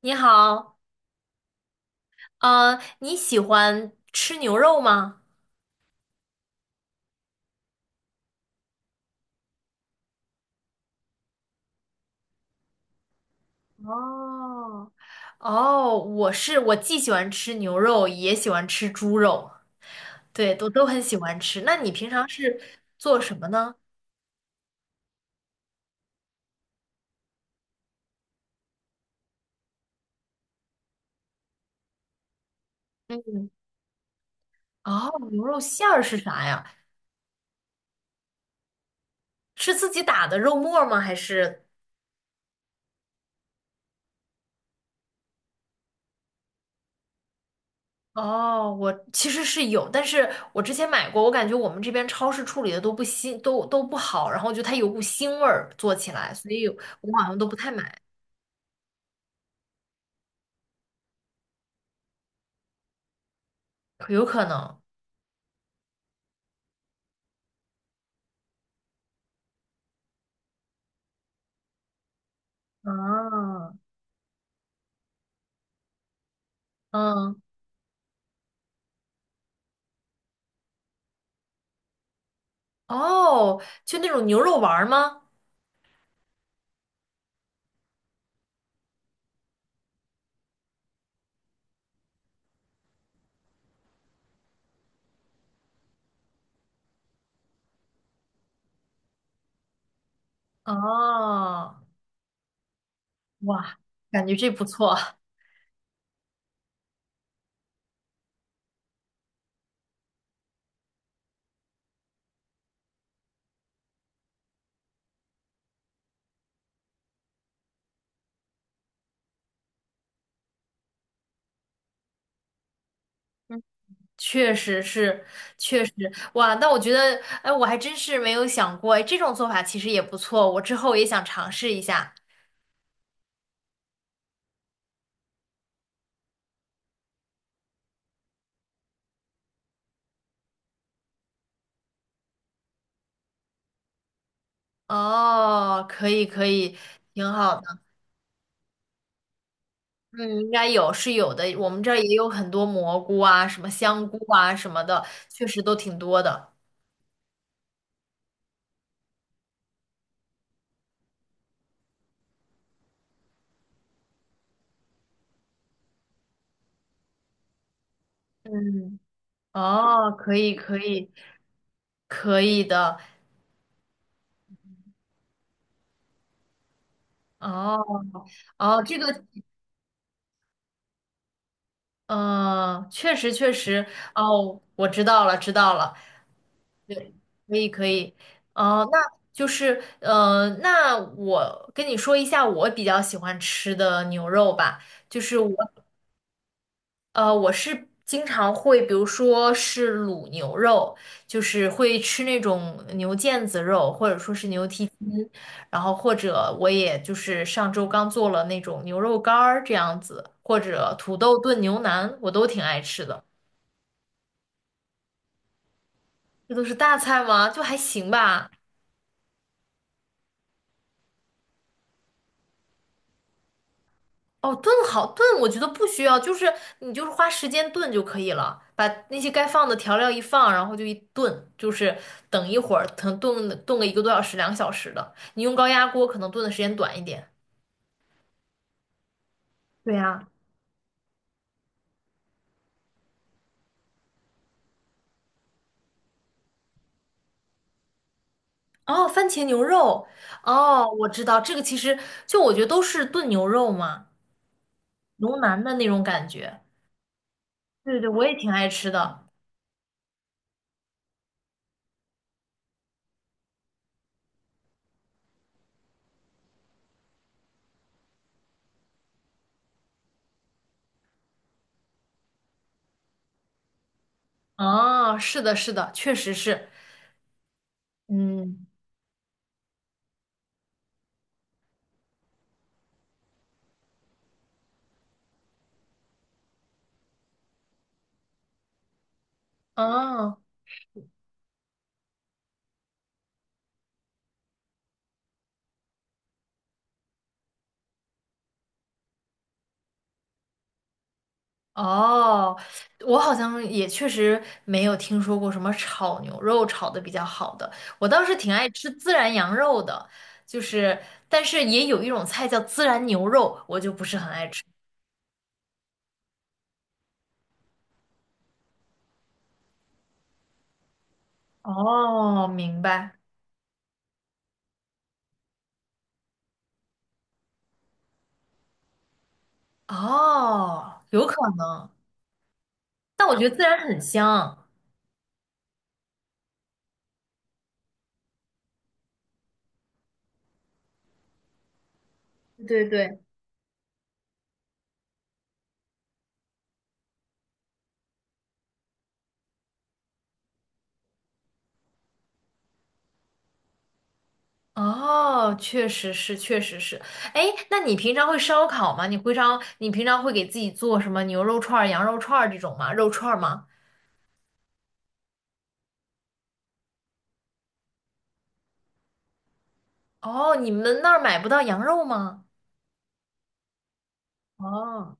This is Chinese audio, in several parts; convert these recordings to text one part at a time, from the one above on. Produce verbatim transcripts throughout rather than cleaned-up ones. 你好。嗯，你喜欢吃牛肉吗？哦。哦，我是，我既喜欢吃牛肉，也喜欢吃猪肉。对，都都很喜欢吃。那你平常是做什么呢？嗯。哦，牛肉馅儿是啥呀？是自己打的肉末儿吗？还是？哦，我其实是有，但是我之前买过，我感觉我们这边超市处理的都不新，都都不好，然后就它有股腥味儿，做起来，所以我好像都不太买。有可能。啊。嗯。哦，就那种牛肉丸儿吗？哦。哇，感觉这不错。嗯，确实是，确实。哇，那我觉得，哎，我还真是没有想过，哎，这种做法其实也不错，我之后也想尝试一下。哦，可以，可以，挺好的。嗯，应该有是有的，我们这儿也有很多蘑菇啊，什么香菇啊什么的，确实都挺多的。嗯。哦，可以，可以。可以的。哦哦，这个嗯，确实确实。哦，我知道了知道了，可以可以。哦，那就是嗯，那我跟你说一下我比较喜欢吃的牛肉吧，就是我呃，我是经常会，比如说是卤牛肉，就是会吃那种牛腱子肉，或者说是牛蹄筋，然后或者我也就是上周刚做了那种牛肉干儿这样子，或者土豆炖牛腩，我都挺爱吃的。这都是大菜吗？就还行吧。哦，炖好炖，我觉得不需要，就是你就是花时间炖就可以了，把那些该放的调料一放，然后就一炖，就是等一会儿，可能炖炖个一个多小时、两个小时的。你用高压锅可能炖的时间短一点。对呀。哦，番茄牛肉。哦，我知道这个，其实就我觉得都是炖牛肉嘛，牛腩的那种感觉。对对，我也挺爱吃的。哦，是的，是的，确实是。嗯。哦。哦，我好像也确实没有听说过什么炒牛肉炒的比较好的。我倒是挺爱吃孜然羊肉的，就是，但是也有一种菜叫孜然牛肉，我就不是很爱吃。哦，明白。哦，有可能。但我觉得孜然很香。对对。哦，确实是，确实是。哎，那你平常会烧烤吗？你会烧，你平常会给自己做什么牛肉串儿羊肉串儿这种吗？肉串儿吗？哦，你们那儿买不到羊肉吗？哦。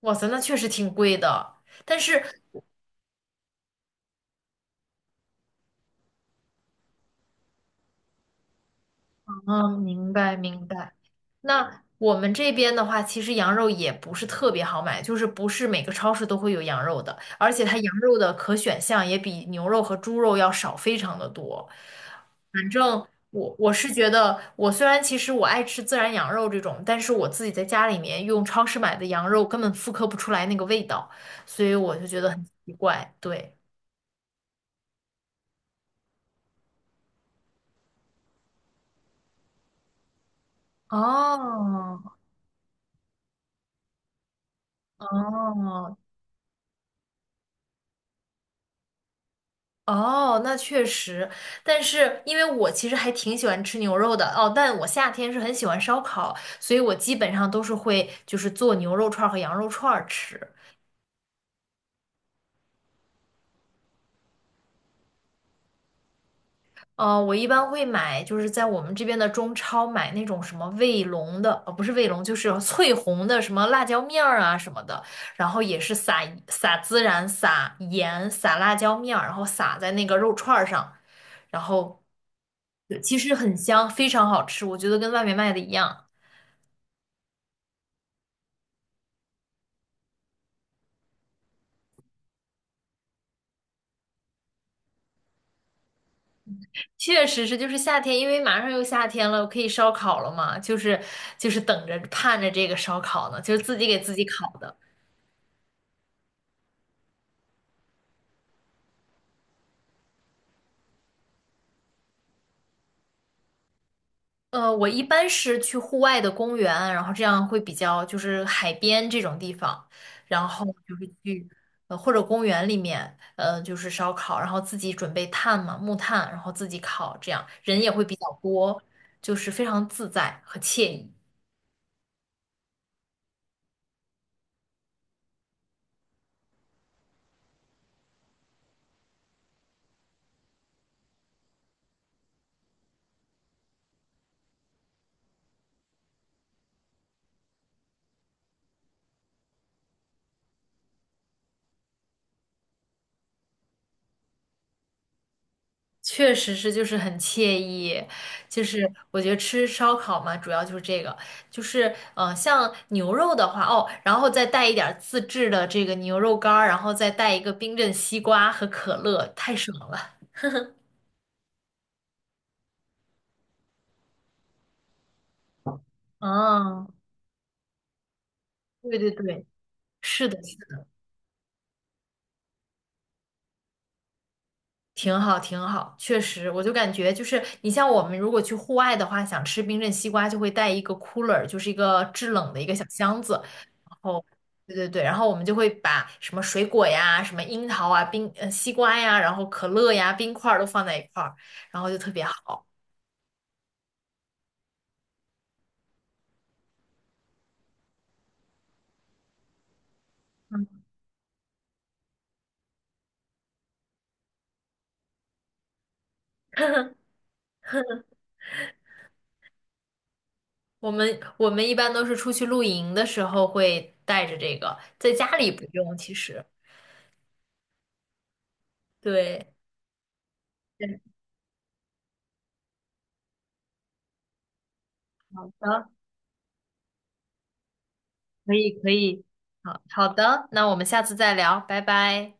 哇塞，那确实挺贵的。但是，嗯，明白明白。那我们这边的话，其实羊肉也不是特别好买，就是不是每个超市都会有羊肉的，而且它羊肉的可选项也比牛肉和猪肉要少非常的多。反正我我是觉得，我虽然其实我爱吃自然羊肉这种，但是我自己在家里面用超市买的羊肉根本复刻不出来那个味道，所以我就觉得很奇怪。对。哦哦哦，那确实。但是因为我其实还挺喜欢吃牛肉的哦，但我夏天是很喜欢烧烤，所以我基本上都是会就是做牛肉串儿和羊肉串儿吃。呃，我一般会买，就是在我们这边的中超买那种什么卫龙的，呃，不是卫龙，就是翠红的什么辣椒面儿啊什么的，然后也是撒撒孜然、撒盐、撒辣椒面儿，然后撒在那个肉串儿上，然后对其实很香，非常好吃，我觉得跟外面卖的一样。确实是，就是夏天，因为马上又夏天了，可以烧烤了嘛，就是就是等着盼着这个烧烤呢，就是自己给自己烤的。呃，我一般是去户外的公园，然后这样会比较就是海边这种地方，然后就是去呃或者公园里面，呃就是烧烤，然后自己准备炭嘛，木炭，然后自己烤，这样人也会比较多，就是非常自在和惬意。确实是，就是很惬意，就是我觉得吃烧烤嘛，主要就是这个，就是嗯、呃像牛肉的话，哦，然后再带一点儿自制的这个牛肉干儿，然后再带一个冰镇西瓜和可乐，太爽了。嗯，对对对，是的，是的，挺好，挺好，确实，我就感觉就是你像我们如果去户外的话，想吃冰镇西瓜，就会带一个 cooler，就是一个制冷的一个小箱子，后，对对对，然后我们就会把什么水果呀、什么樱桃啊、冰呃西瓜呀，然后可乐呀、冰块儿都放在一块儿，然后就特别好。我们我们一般都是出去露营的时候会带着这个，在家里不用，其实。对，对，好的，可以可以，好好的，那我们下次再聊，拜拜。